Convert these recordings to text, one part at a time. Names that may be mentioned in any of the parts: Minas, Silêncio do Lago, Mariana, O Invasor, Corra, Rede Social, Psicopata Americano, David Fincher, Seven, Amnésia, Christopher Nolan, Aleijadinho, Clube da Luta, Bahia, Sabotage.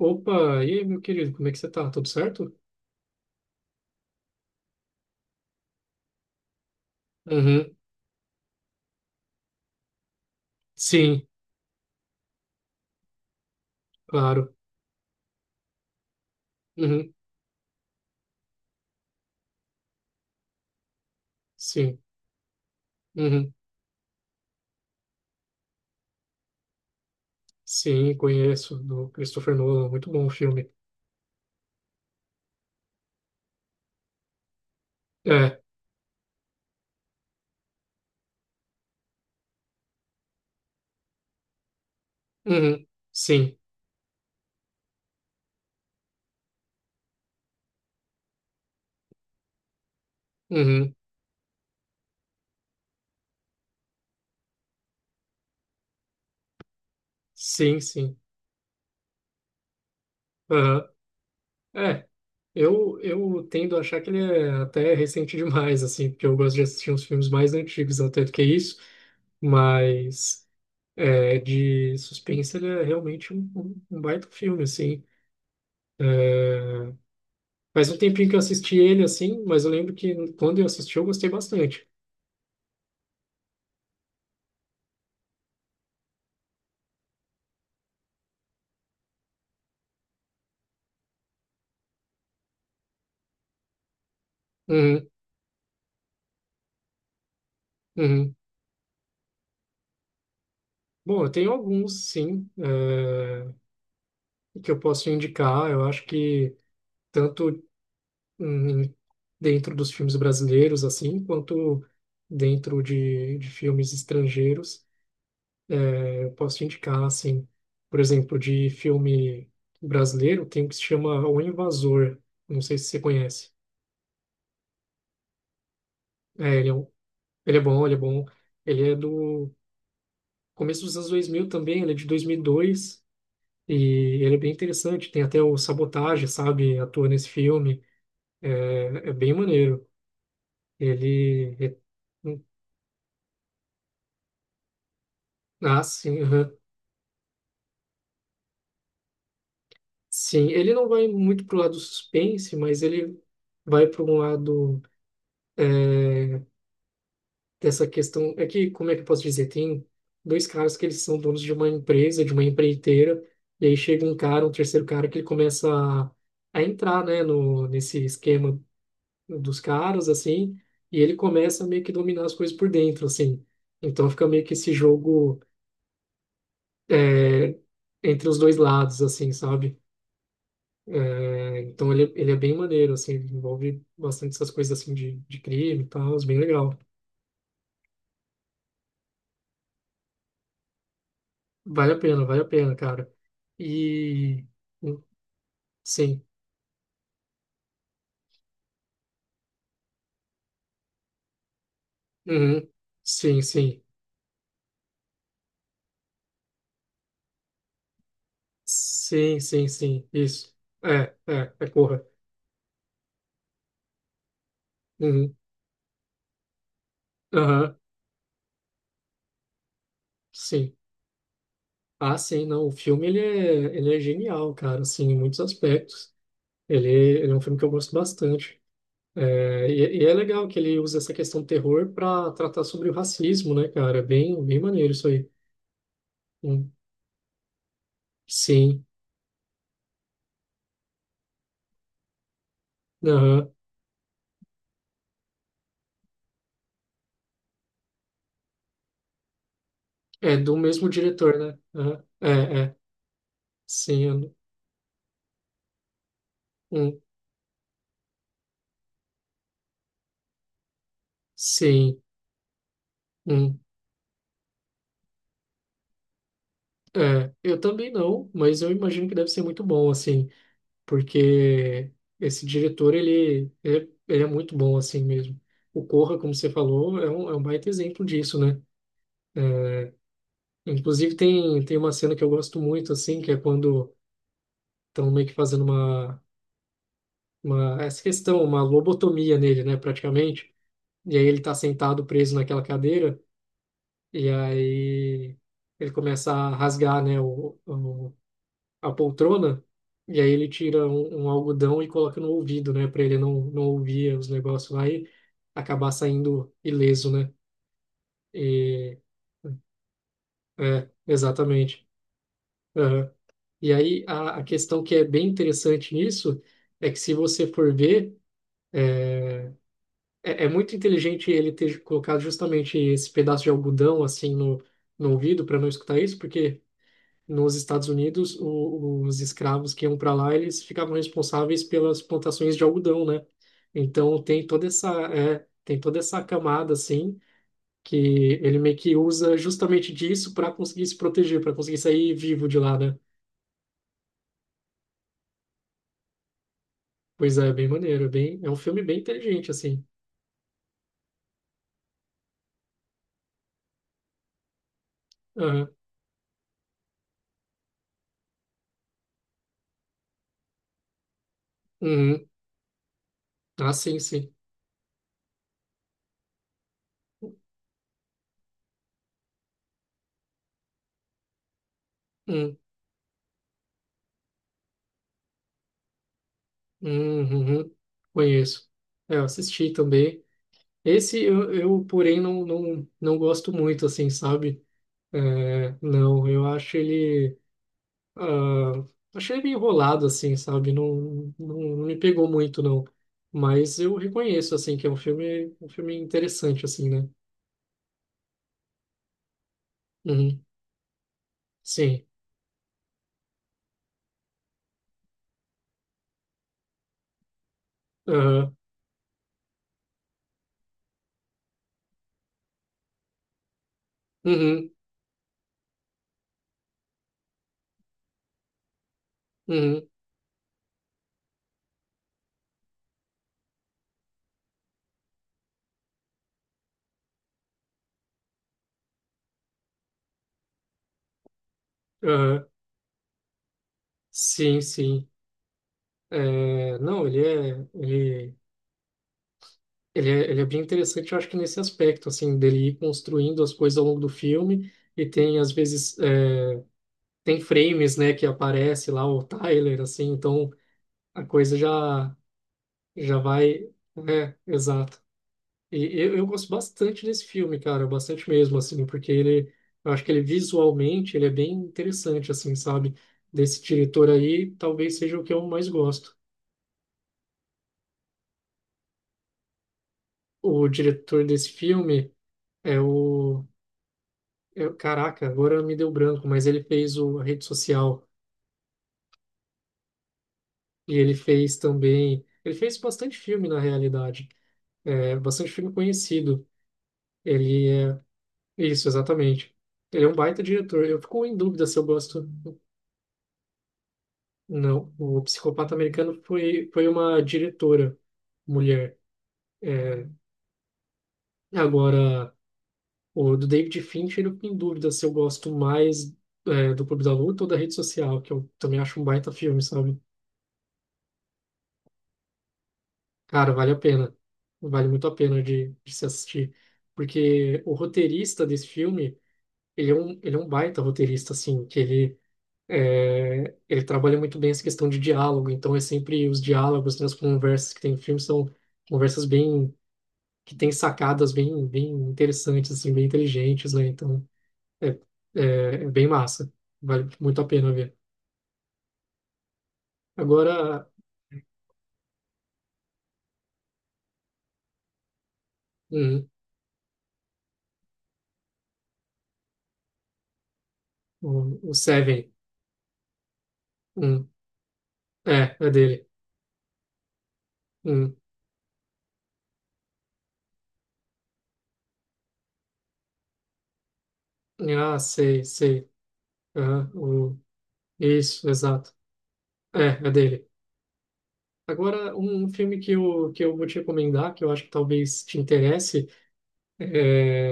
Opa, e aí, meu querido, como é que você tá? Tudo certo? Uhum, sim, claro. Uhum, sim, uhum, sim, conheço, do Christopher Nolan, muito bom o filme. É, uhum, sim, uhum, sim, sim, aham. É, eu tendo a achar que ele é até recente demais, assim, porque eu gosto de assistir uns filmes mais antigos até do que isso, mas é, de suspense ele é realmente um baita filme, assim. Faz um tempinho que eu assisti ele, assim, mas eu lembro que quando eu assisti eu gostei bastante. Uhum, uhum. Bom, eu tenho alguns, sim, que eu posso indicar. Eu acho que tanto hum, dentro dos filmes brasileiros, assim, quanto dentro de filmes estrangeiros, eu posso indicar, assim, por exemplo, de filme brasileiro, tem um que se chama O Invasor. Não sei se você conhece. É, ele é bom, ele é bom. Ele é do começo dos anos 2000 também, ele é de 2002 e dois, e ele é bem interessante. Tem até o Sabotage, sabe? Atua nesse filme. É, é bem maneiro. Ele. é- Ah, sim, aham. Sim, ele não vai muito pro lado suspense, mas ele vai para um lado dessa questão. É que, como é que eu posso dizer? Tem dois caras que eles são donos de uma empresa, de uma empreiteira, e aí chega um cara, um terceiro cara, que ele começa a entrar, né, no, nesse esquema dos caras, assim, e ele começa a meio que dominar as coisas por dentro, assim. Então fica meio que esse jogo é, entre os dois lados, assim, sabe? É, então ele é bem maneiro, assim, ele envolve bastante essas coisas, assim, de crime e tal, é bem legal. Vale a pena, cara. E... Sim. Uhum. Sim, sim. Sim, sim, sim. Isso. É Corra. Uhum. Aham, sim. Ah, sim, não. O filme ele é genial, cara, assim, em muitos aspectos. Ele é um filme que eu gosto bastante. É, e é legal que ele usa essa questão do terror para tratar sobre o racismo, né, cara? É bem, bem maneiro isso aí. Hum, Sim. Aham. É do mesmo diretor, né? Aham. É, é. Sim. Hum. Sim. Hum. É. Eu também não, mas eu imagino que deve ser muito bom, assim. Porque esse diretor, ele é muito bom assim mesmo. O Corra, como você falou, é é um baita exemplo disso, né? É, inclusive tem, tem uma cena que eu gosto muito, assim, que é quando estão meio que fazendo essa questão, uma lobotomia nele, né, praticamente. E aí ele tá sentado preso naquela cadeira, e aí ele começa a rasgar, né, o a poltrona, e aí ele tira um, um algodão e coloca no ouvido, né, para ele não, não ouvir os negócios lá e acabar saindo ileso, né? E, é, exatamente. Aham. E aí a questão que é bem interessante nisso é que se você for ver, é, é é muito inteligente ele ter colocado justamente esse pedaço de algodão assim no ouvido para não escutar isso, porque nos Estados Unidos, o, os escravos que iam para lá, eles ficavam responsáveis pelas plantações de algodão, né? Então tem toda essa, é, tem toda essa camada assim que ele meio que usa justamente disso para conseguir se proteger, para conseguir sair vivo de lá, né? Pois é, bem maneiro, é bem, é um filme bem inteligente assim. Aham. Uhum. Ah, sim, sim. Hum, uhum. Conheço. É, eu assisti também. Esse eu porém, não, não, não gosto muito, assim, sabe? É, não, eu acho ele. Ah, achei ele meio enrolado, assim, sabe? Não, não, não me pegou muito, não. Mas eu reconheço, assim, que é um filme interessante, assim, né? Uhum, sim. Ah, uhum, uhum, ah, sim, sim. É, não, ele é bem interessante, eu acho que nesse aspecto, assim, dele ir construindo as coisas ao longo do filme. E tem, às vezes, é, tem frames, né, que aparece lá o Tyler, assim, então a coisa já. Já vai. É, exato. E eu gosto bastante desse filme, cara, bastante mesmo, assim, porque ele, eu acho que ele visualmente, ele é bem interessante, assim, sabe? Desse diretor aí, talvez seja o que eu mais gosto. O diretor desse filme é é, caraca, agora me deu branco, mas ele fez o a Rede Social e ele fez também, ele fez bastante filme na realidade, é, bastante filme conhecido. Ele é Isso, exatamente. Ele é um baita diretor. Eu fico em dúvida se eu gosto. Não, o Psicopata Americano foi, foi uma diretora mulher. É, agora, o do David Fincher, eu fico em dúvida se eu gosto mais é, do Clube da Luta ou da Rede Social, que eu também acho um baita filme, sabe? Cara, vale a pena. Vale muito a pena de se assistir. Porque o roteirista desse filme, ele é um baita roteirista, assim, que ele é, ele trabalha muito bem essa questão de diálogo, então é sempre os diálogos, né, as conversas que tem no filme são conversas bem, que tem sacadas bem, bem interessantes, assim, bem inteligentes, né, então é, é, é bem massa, vale muito a pena ver. Agora, hum, o Seven, hum, é, é dele. Hum, ah, sei, sei, aham, isso, exato, é, é dele. Agora, um filme que que eu vou te recomendar, que eu acho que talvez te interesse, é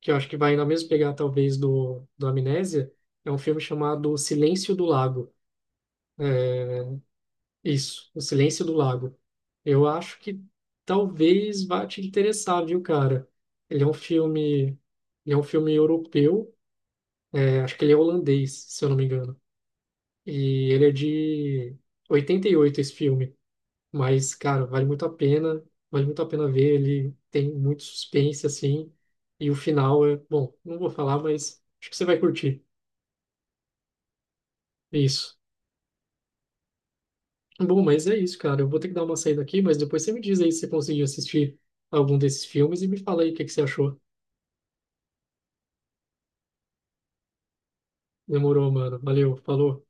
que eu acho que vai na mesma pegada, talvez, do, do Amnésia, é um filme chamado Silêncio do Lago. É, isso, O Silêncio do Lago. Eu acho que talvez vá te interessar, viu, cara? Ele é um filme, ele é um filme europeu, é, acho que ele é holandês, se eu não me engano. E ele é de 88 esse filme, mas cara, vale muito a pena, vale muito a pena ver, ele tem muito suspense assim, e o final é, bom, não vou falar, mas acho que você vai curtir. Isso. Bom, mas é isso, cara. Eu vou ter que dar uma saída aqui, mas depois você me diz aí se você conseguiu assistir algum desses filmes e me fala aí o que que você achou. Demorou, mano. Valeu, falou.